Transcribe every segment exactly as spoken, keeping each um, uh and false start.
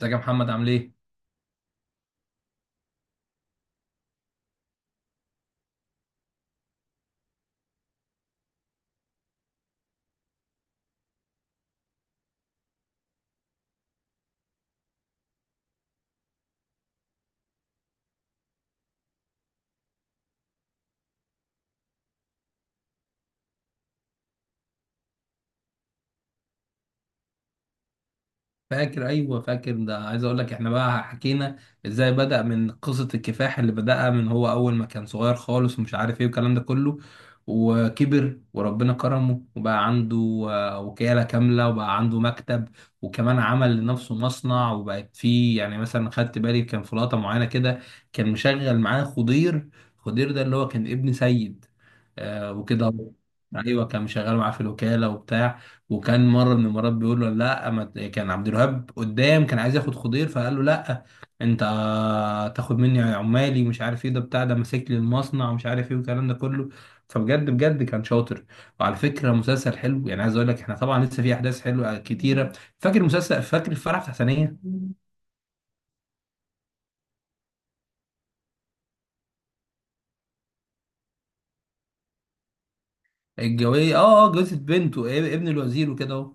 ازيك يا محمد عامل ايه؟ فاكر، ايوه، فاكر ده. عايز اقول لك احنا بقى حكينا ازاي بدأ من قصة الكفاح اللي بدأها، من هو اول ما كان صغير خالص ومش عارف ايه والكلام ده كله. وكبر وربنا كرمه وبقى عنده آه، وكالة كاملة وبقى عنده مكتب. وكمان عمل لنفسه مصنع وبقت فيه. يعني مثلا خدت بالي كان في لقطة معينة كده، كان مشغل معاه خضير. خضير ده اللي هو كان ابن سيد، آه وكده. ايوه، كان مشغل معاه في الوكالة وبتاع. وكان مره من المرات بيقول له لا، ما ت- كان عبد الوهاب قدام، كان عايز ياخد خضير، فقال له: لا انت تاخد مني عمالي ومش عارف ايه، ده بتاع، ده ماسك لي المصنع ومش عارف ايه والكلام ده كله. فبجد بجد كان شاطر. وعلى فكره مسلسل حلو، يعني عايز اقول لك احنا طبعا لسه في احداث حلوه كتيره. فاكر مسلسل، فاكر الفرح بتاع ثانيه. الجويه، اه اه جوزة بنته ابن الوزير وكده اهو.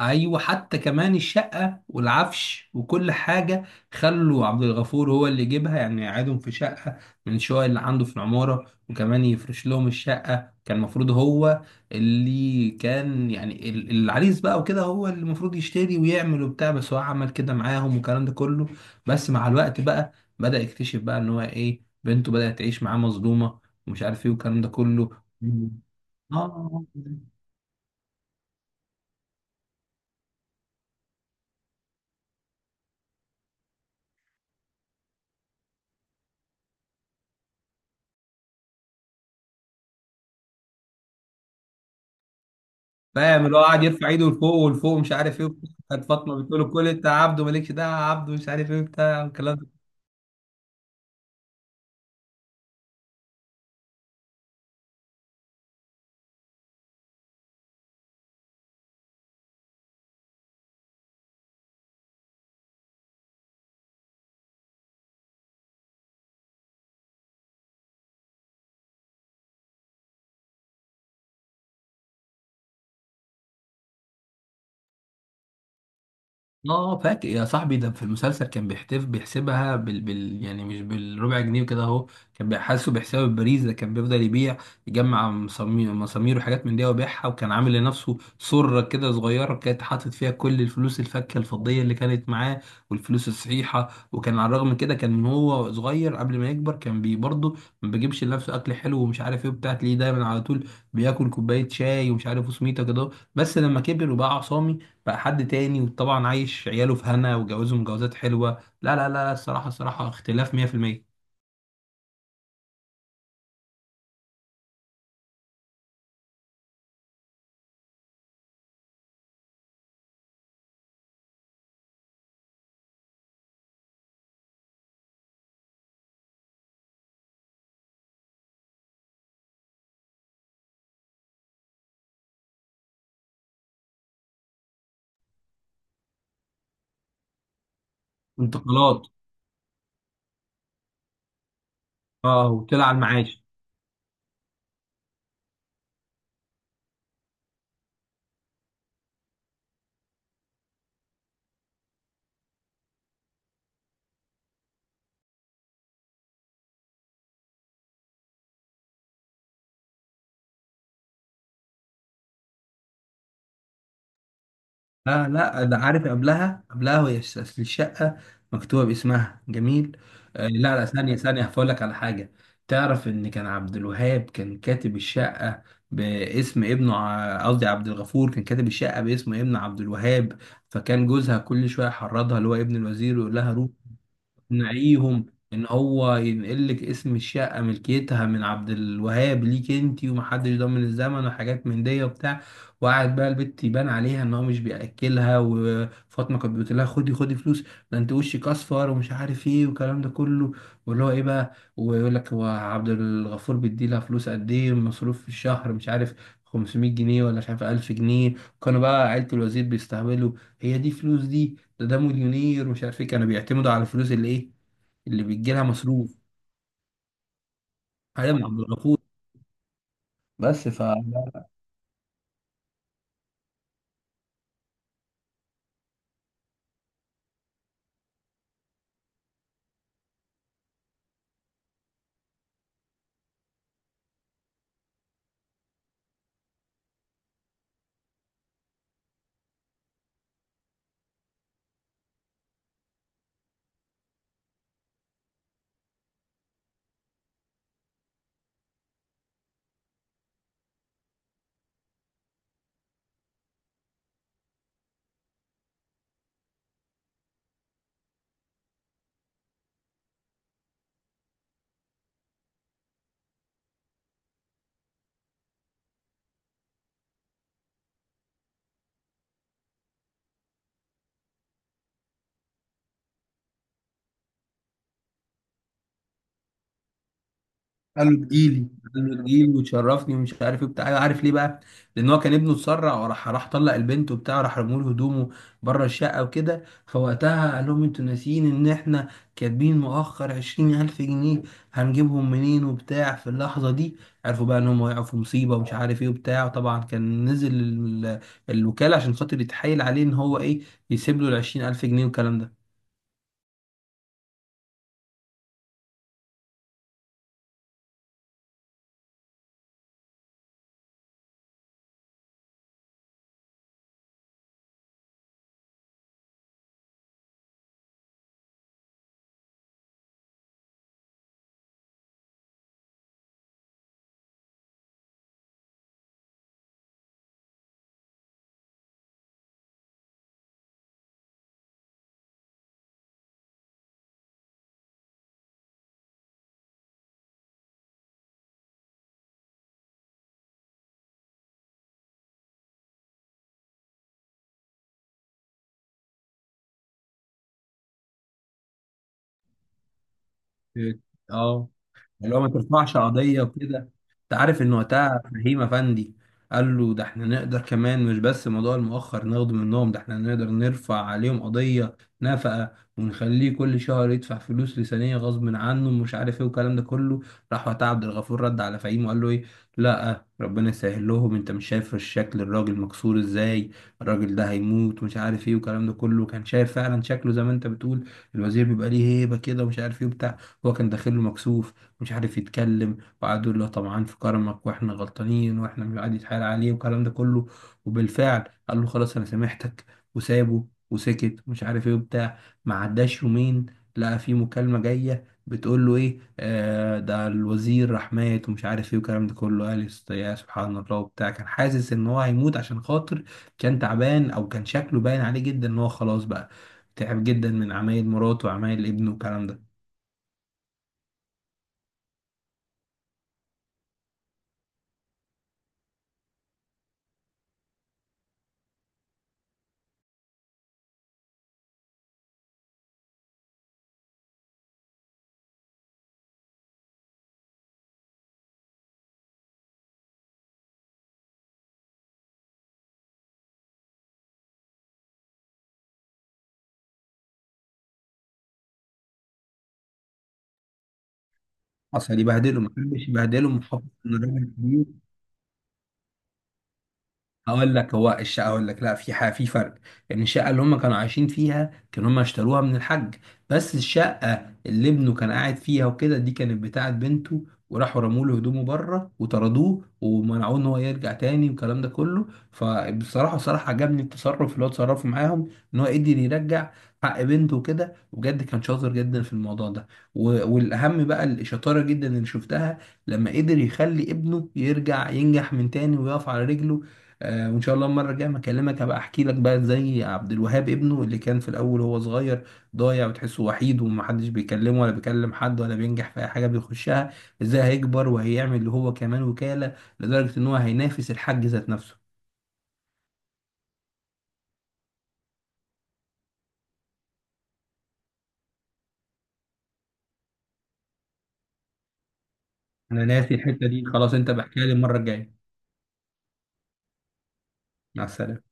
ايوه حتى كمان الشقه والعفش وكل حاجه، خلوا عبد الغفور هو اللي يجيبها، يعني يقعدهم في شقه من الشقق اللي عنده في العماره، وكمان يفرش لهم الشقه. كان المفروض هو اللي كان يعني ال- العريس بقى وكده هو اللي المفروض يشتري ويعمل وبتاع، بس هو عمل كده معاهم والكلام ده كله. بس مع الوقت بقى بدأ يكتشف بقى ان هو ايه، بنته بدأت تعيش معاه مظلومه، ومش عارف ايه والكلام ده كله. اه، فاهم اللي هو قاعد يرفع ايده لفوق ولفوق مش عارف ايه وبتاع. كانت فاطمه بتقول له: كل انت يا عبده، مالكش دعوه يا عبده، مش عارف ايه بتاع والكلام. اه فاكر يا صاحبي، ده في المسلسل كان بيحتف، بيحسبها بال, بال، يعني مش بالربع جنيه وكده اهو. كان بيحاسبه بحساب البريز. ده كان بيفضل يبيع، يجمع مسامير مسامير وحاجات من دي ويبيعها. وكان عامل لنفسه سرة كده صغيرة كانت حاطط فيها كل الفلوس الفكة الفضية اللي كانت معاه والفلوس الصحيحة. وكان على الرغم من كده كان من هو صغير قبل ما يكبر كان بي برضه ما بيجيبش لنفسه اكل حلو ومش عارف ايه وبتاع، تلاقيه دايما على طول بياكل كوباية شاي ومش عارف وسميته كده. بس لما كبر وبقى عصامي، بقى حد تاني. وطبعا عايش عياله في هنا وجوازه مجوزات حلوة. لا لا لا لا، الصراحة الصراحة اختلاف مية في المية. انتقالات. اه وطلع على المعاش. لا لا، ده عارف قبلها قبلها، وهي الش- أصل الشقة مكتوبة باسمها جميل. آه لا لا، ثانية ثانية، هقول لك على حاجة. تعرف ان كان عبد الوهاب كان كاتب الشقة باسم ابنه، ع- قصدي عبد الغفور كان كاتب الشقة باسم ابن عبد الوهاب. فكان جوزها كل شوية يحرضها، اللي هو ابن الوزير، ويقول لها: روح نعيهم ان هو ينقل لك اسم الشقه، ملكيتها، من عبد الوهاب ليك انت، ومحدش ضامن الزمن وحاجات من دي وبتاع. وقعد بقى البت يبان عليها ان هو مش بياكلها. وفاطمه كانت بتقول لها: خدي خدي فلوس، ده انت وشك اصفر ومش عارف ايه والكلام ده كله. واللي هو ايه بقى، ويقول لك هو عبد الغفور بيديلها فلوس قد ايه مصروف في الشهر، مش عارف خمسمائة جنيه ولا مش عارف الف جنيه. كانوا بقى عيلة الوزير بيستهبلوا: هي دي فلوس؟ دي ده ده مليونير ومش عارف ايه. كانوا بيعتمدوا على الفلوس اللي ايه، اللي بيجي لها مصروف. حاجه من عبد الغفور. بس ف قال له تجيلي قال له تجيلي وتشرفني ومش عارف ايه بتاع. أيوة، عارف ليه بقى؟ لان هو كان ابنه اتسرع وراح، راح طلق البنت وبتاع، راح رموا له هدومه بره الشقه وكده. فوقتها قال لهم: انتوا ناسيين ان احنا كاتبين مؤخر عشرين الف جنيه؟ هنجيبهم منين وبتاع في اللحظه دي. عرفوا بقى ان هم وقعوا في مصيبه ومش عارف ايه وبتاع. وطبعا كان نزل ال- الوكاله عشان خاطر يتحايل عليه ان هو ايه يسيب له ال عشرين الف جنيه والكلام ده. اه، اللي هو ما ترفعش قضية وكده. انت عارف ان وقتها فهيم افندي قال له: ده احنا نقدر كمان، مش بس موضوع المؤخر ناخده منهم، ده احنا نقدر نرفع عليهم قضية نفقة ونخليه كل شهر يدفع فلوس لسانية غصب عنه ومش عارف ايه والكلام ده كله. راح وقتها عبد الغفور رد على فهيم وقال له ايه: لا، ربنا يسهل لهم، انت مش شايف الشكل، الراجل مكسور ازاي، الراجل ده هيموت ومش عارف ايه والكلام ده كله. كان شايف فعلا شكله زي ما انت بتقول، الوزير بيبقى ليه هيبة كده ومش عارف ايه وبتاع. هو كان داخله مكسوف، مش عارف يتكلم. وقعدوا يقولوا له طمعان في كرمك واحنا غلطانين واحنا مش، قاعد يتحايل عليه والكلام ده كله. وبالفعل قال له: خلاص انا سامحتك. وسابه وسكت ومش عارف ايه وبتاع. ما عداش يومين، لقى في مكالمة جاية بتقول له ايه، آه ده الوزير راح مات ومش عارف ايه والكلام ده كله. قال: يست- يا سبحان الله وبتاع. كان حاسس ان هو هيموت، عشان خاطر كان تعبان، او كان شكله باين عليه جدا ان هو خلاص بقى تعب جدا من عمايل مراته وعمايل ابنه والكلام ده. حصل يبهدله؟ ما حدش يبهدله، محافظ، ان الراجل كبير. هقول لك هو الشقه، هقول لك، لا في حاجه، في فرق. يعني الشقه اللي هم كانوا عايشين فيها كانوا هم اشتروها من الحاج. بس الشقه اللي ابنه كان قاعد فيها وكده، دي كانت بتاعه بنته. وراحوا رموا له هدومه بره وطردوه ومنعوه ان هو يرجع تاني والكلام ده كله. فبصراحه بصراحه عجبني التصرف اللي هو اتصرفه معاهم، ان هو قدر يرجع حق بنته كده. وبجد كان شاطر جدا في الموضوع ده. و- والاهم بقى الشطاره جدا اللي شفتها لما قدر يخلي ابنه يرجع ينجح من تاني ويقف على رجله. آه، وان شاء الله المره الجايه ما اكلمك هبقى احكي لك بقى زي عبد الوهاب ابنه اللي كان في الاول هو صغير ضايع وتحسه وحيد ومحدش بيكلمه ولا بيكلم حد ولا بينجح في اي حاجه بيخشها، ازاي هيكبر وهيعمل اللي هو كمان وكاله لدرجه ان هو هينافس الحاج ذات نفسه. انا ناسي الحته دي خلاص، انت بحكيها لي المره الجايه. مع السلامه.